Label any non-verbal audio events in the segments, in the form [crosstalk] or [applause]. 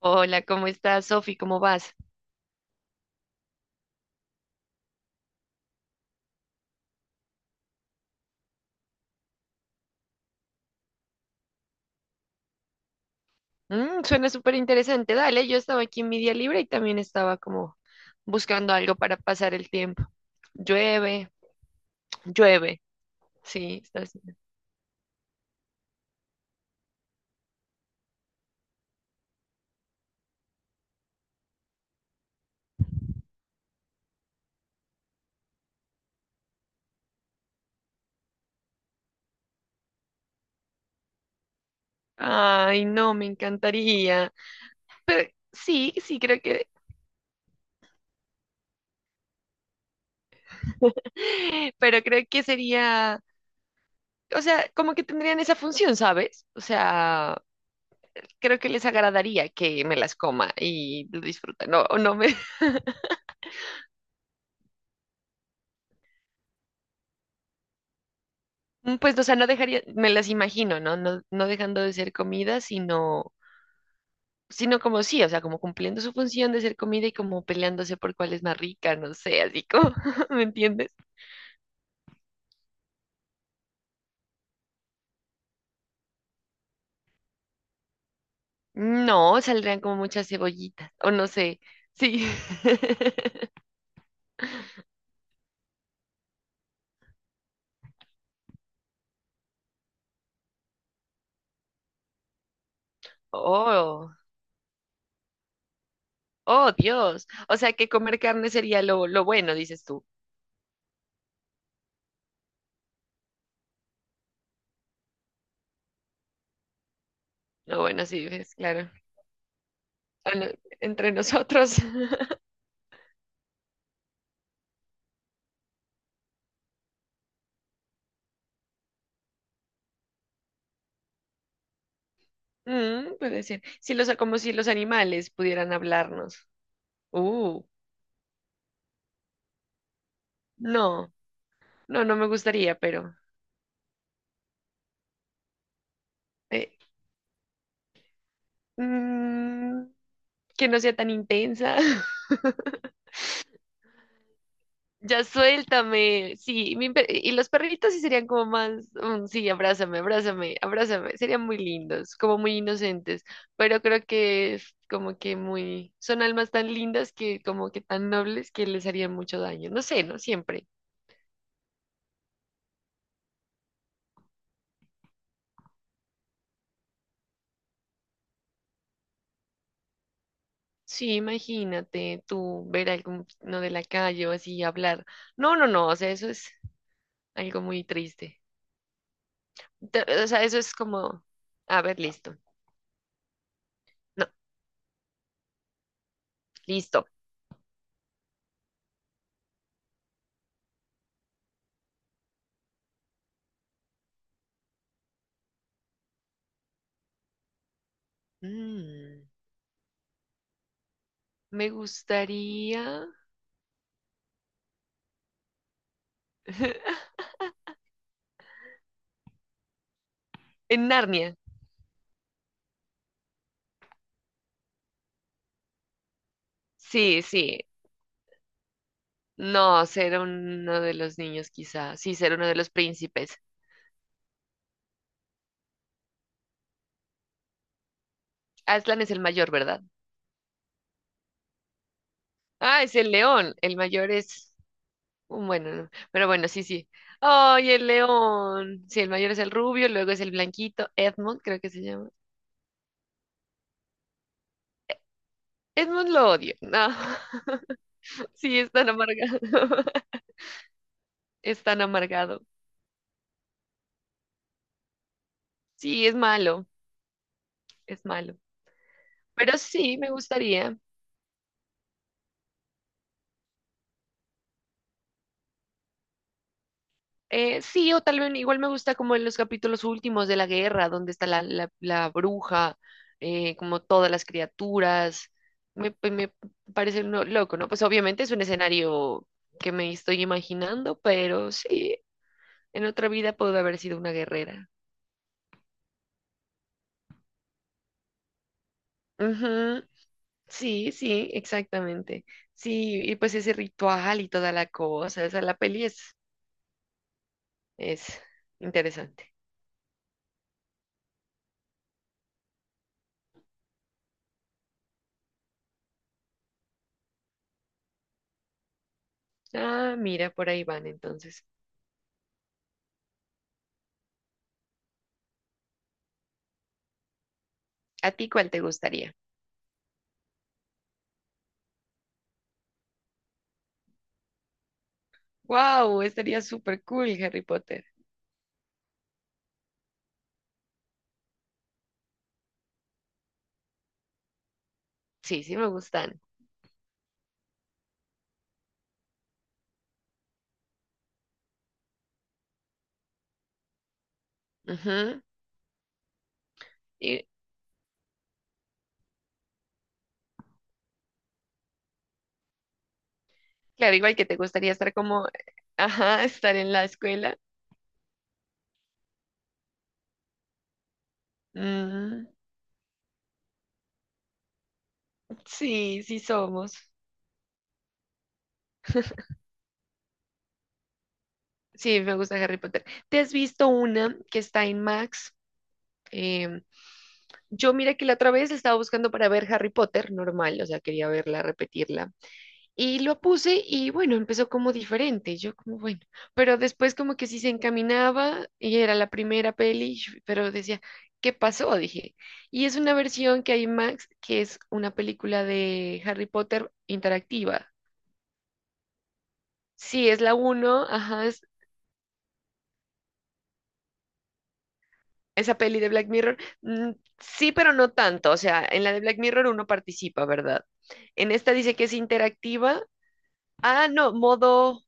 Hola, ¿cómo estás, Sofi? ¿Cómo vas? Suena súper interesante. Dale, yo estaba aquí en mi día libre y también estaba como buscando algo para pasar el tiempo. Llueve, llueve. Sí, está Ay, no, me encantaría. Pero sí, sí, creo que. [laughs] Pero creo que sería. O sea, como que tendrían esa función, ¿sabes? O sea, creo que les agradaría que me las coma y lo disfrutan. No, o no pues, o sea, no dejaría, me las imagino, ¿no? No, no dejando de ser comida, sino, sino como sí, o sea, como cumpliendo su función de ser comida y como peleándose por cuál es más rica, no sé, así como, [laughs] ¿me entiendes? No, saldrían como muchas cebollitas, o no sé, sí. [laughs] Oh, oh, Dios. O sea, que comer carne sería lo bueno, dices tú. Lo bueno, sí, dices, claro. Ah, no, entre nosotros. [laughs] Puede ser. Si los, como si los animales pudieran hablarnos. Uh. No, no, no me gustaría, pero eh, mm, que no sea tan intensa. [laughs] Ya suéltame. Sí, y los perritos sí serían como más, sí, abrázame, abrázame, abrázame. Serían muy lindos, como muy inocentes, pero creo que es como que muy, son almas tan lindas que como que tan nobles que les harían mucho daño. No sé, no siempre. Sí, imagínate tú ver a alguno de la calle o así hablar. No, no, no, o sea, eso es algo muy triste. O sea, eso es como, a ver, listo. No, listo. Mm, me gustaría... [laughs] En Narnia. Sí, sí. No, ser uno de los niños quizá. Sí, ser uno de los príncipes. Aslan es el mayor, ¿verdad? Ah, es el león. El mayor es... Bueno, no. Pero bueno, sí, sí. Ay, el león. Sí, el mayor es el rubio, luego es el blanquito. Edmund, creo que se llama. Edmund lo odio. No. [laughs] Sí, es tan amargado. [laughs] Es tan amargado. Sí, es malo, es malo. Pero sí, me gustaría. Sí, o tal vez igual me gusta como en los capítulos últimos de la guerra, donde está la bruja, como todas las criaturas. Me parece loco, ¿no? Pues obviamente es un escenario que me estoy imaginando, pero sí, en otra vida puedo haber sido una guerrera. Ujú, sí, sí, exactamente. Sí, y pues ese ritual y toda la cosa, esa la peli es interesante. Ah, mira, por ahí van entonces. ¿A ti cuál te gustaría? Wow, estaría súper cool Harry Potter. Sí, sí me gustan. Ujú. Y claro, igual que te gustaría estar como, ajá, [laughs] estar en la escuela. Mm, sí, sí somos. Sí, me gusta Harry Potter. ¿Te has visto una que está en Max? Em, yo mira que la otra vez estaba buscando para ver Harry Potter normal, o sea, quería verla, repetirla. Y lo puse y bueno, empezó como diferente, yo como bueno, pero después como que sí se encaminaba y era la primera peli, pero decía, ¿qué pasó? Dije, y es una versión que hay en Max, que es una película de Harry Potter interactiva. Sí, es la uno, ajá, es esa peli de Black Mirror. Sí, pero no tanto, o sea, en la de Black Mirror uno participa, ¿verdad? En esta dice que es interactiva. Ah, no, modo...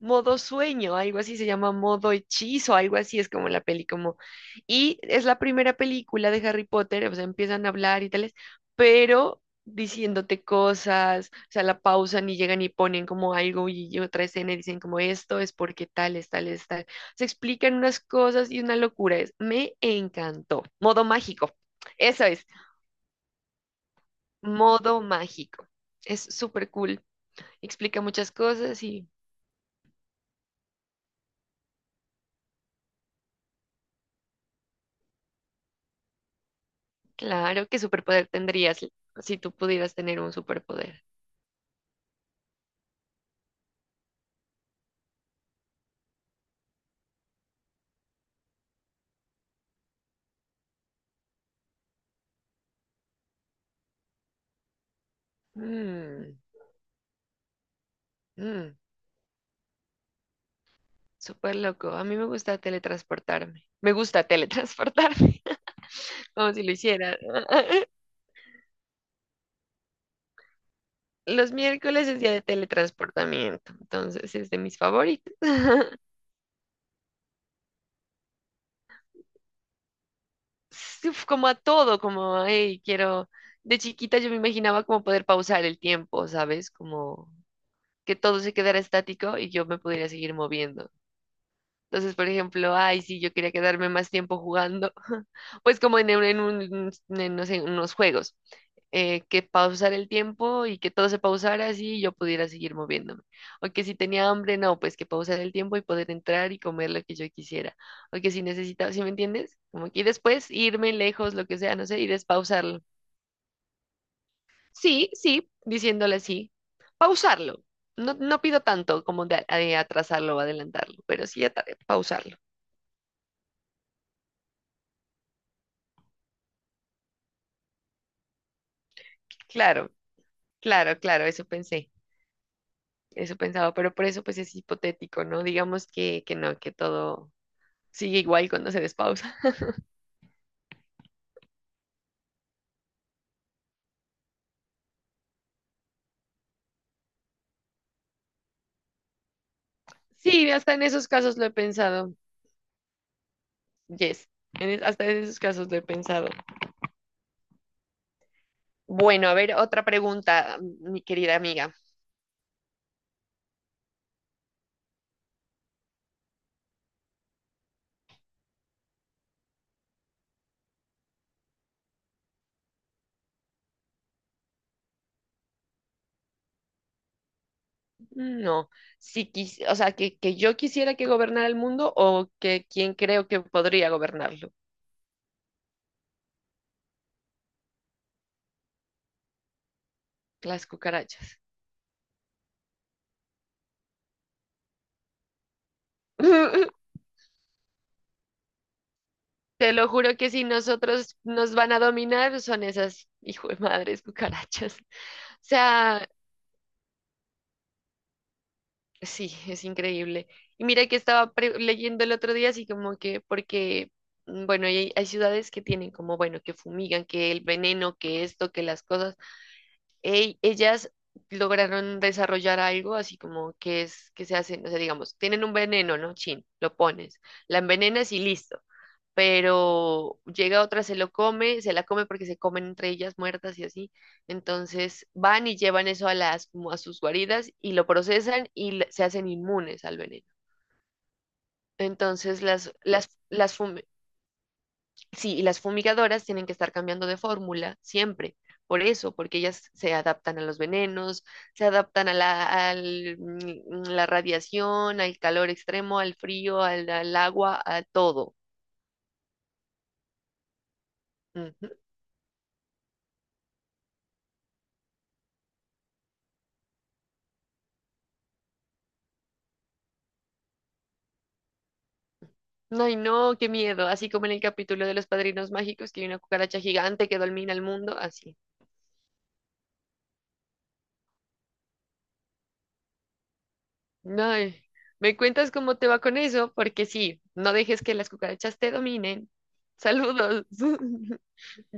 modo sueño, algo así se llama, modo hechizo, algo así es como la peli, como, y es la primera película de Harry Potter, o sea, empiezan a hablar y tales, pero diciéndote cosas, o sea, la pausan y llegan y ponen como algo y otra escena y dicen como esto es porque tales, tales, tal. Se explican unas cosas y una locura es, me encantó. Modo mágico, eso es, modo mágico. Es súper cool, explica muchas cosas y claro, ¿qué superpoder tendrías si tú pudieras tener un superpoder? Mm, mm, súper loco. A mí me gusta teletransportarme. Me gusta teletransportarme, [laughs] como si lo hiciera. [laughs] Los miércoles es día de teletransportamiento, entonces es de mis favoritos. [laughs] Sí, uf, como a todo, como, hey, quiero... De chiquita yo me imaginaba como poder pausar el tiempo, ¿sabes? Como que todo se quedara estático y yo me pudiera seguir moviendo. Entonces, por ejemplo, ay, sí, yo quería quedarme más tiempo jugando, [laughs] pues como en no sé, unos juegos, que pausar el tiempo y que todo se pausara así y yo pudiera seguir moviéndome. O que si tenía hambre, no, pues que pausar el tiempo y poder entrar y comer lo que yo quisiera. O que si necesitaba, ¿sí me entiendes? Como que y después irme lejos, lo que sea, no sé, y despausarlo. Sí, sí, diciéndole así, pausarlo. No, no pido tanto como de atrasarlo o adelantarlo, pero sí pausarlo. Claro. Claro, claro, eso pensé, eso pensaba, pero por eso pues es hipotético, ¿no? Digamos que no, que todo sigue igual cuando se despausa. [laughs] Sí, hasta en esos casos lo he pensado, yes, en hasta en esos casos lo he pensado. Bueno, a ver, otra pregunta, mi querida amiga. No, si o sea, que yo quisiera que gobernara el mundo o que quien creo que podría gobernarlo, las cucarachas. [laughs] Te lo juro que si nosotros nos van a dominar son esas hijo de madres cucarachas. Sea, sí, es increíble. Y mira que estaba leyendo el otro día, así como que, porque, bueno, y hay ciudades que tienen como, bueno, que fumigan, que el veneno, que esto, que las cosas. Ey, ellas lograron desarrollar algo así como que es, que se hacen, o sea, digamos, tienen un veneno, ¿no? Chin, lo pones, la envenenas y listo. Pero llega otra, se lo come, se la come porque se comen entre ellas muertas y así. Entonces van y llevan eso a las, como a sus guaridas y lo procesan y se hacen inmunes al veneno. Entonces sí, y las fumigadoras tienen que estar cambiando de fórmula siempre. Por eso, porque ellas se adaptan a los venenos, se adaptan a la, al, la radiación, al calor extremo, al frío, al, al agua, a todo. Ay, no, qué miedo. Así como en el capítulo de los padrinos mágicos, que hay una cucaracha gigante que domina el mundo, así. Ay, me cuentas cómo te va con eso, porque sí, no dejes que las cucarachas te dominen. Saludos. [laughs] Chao.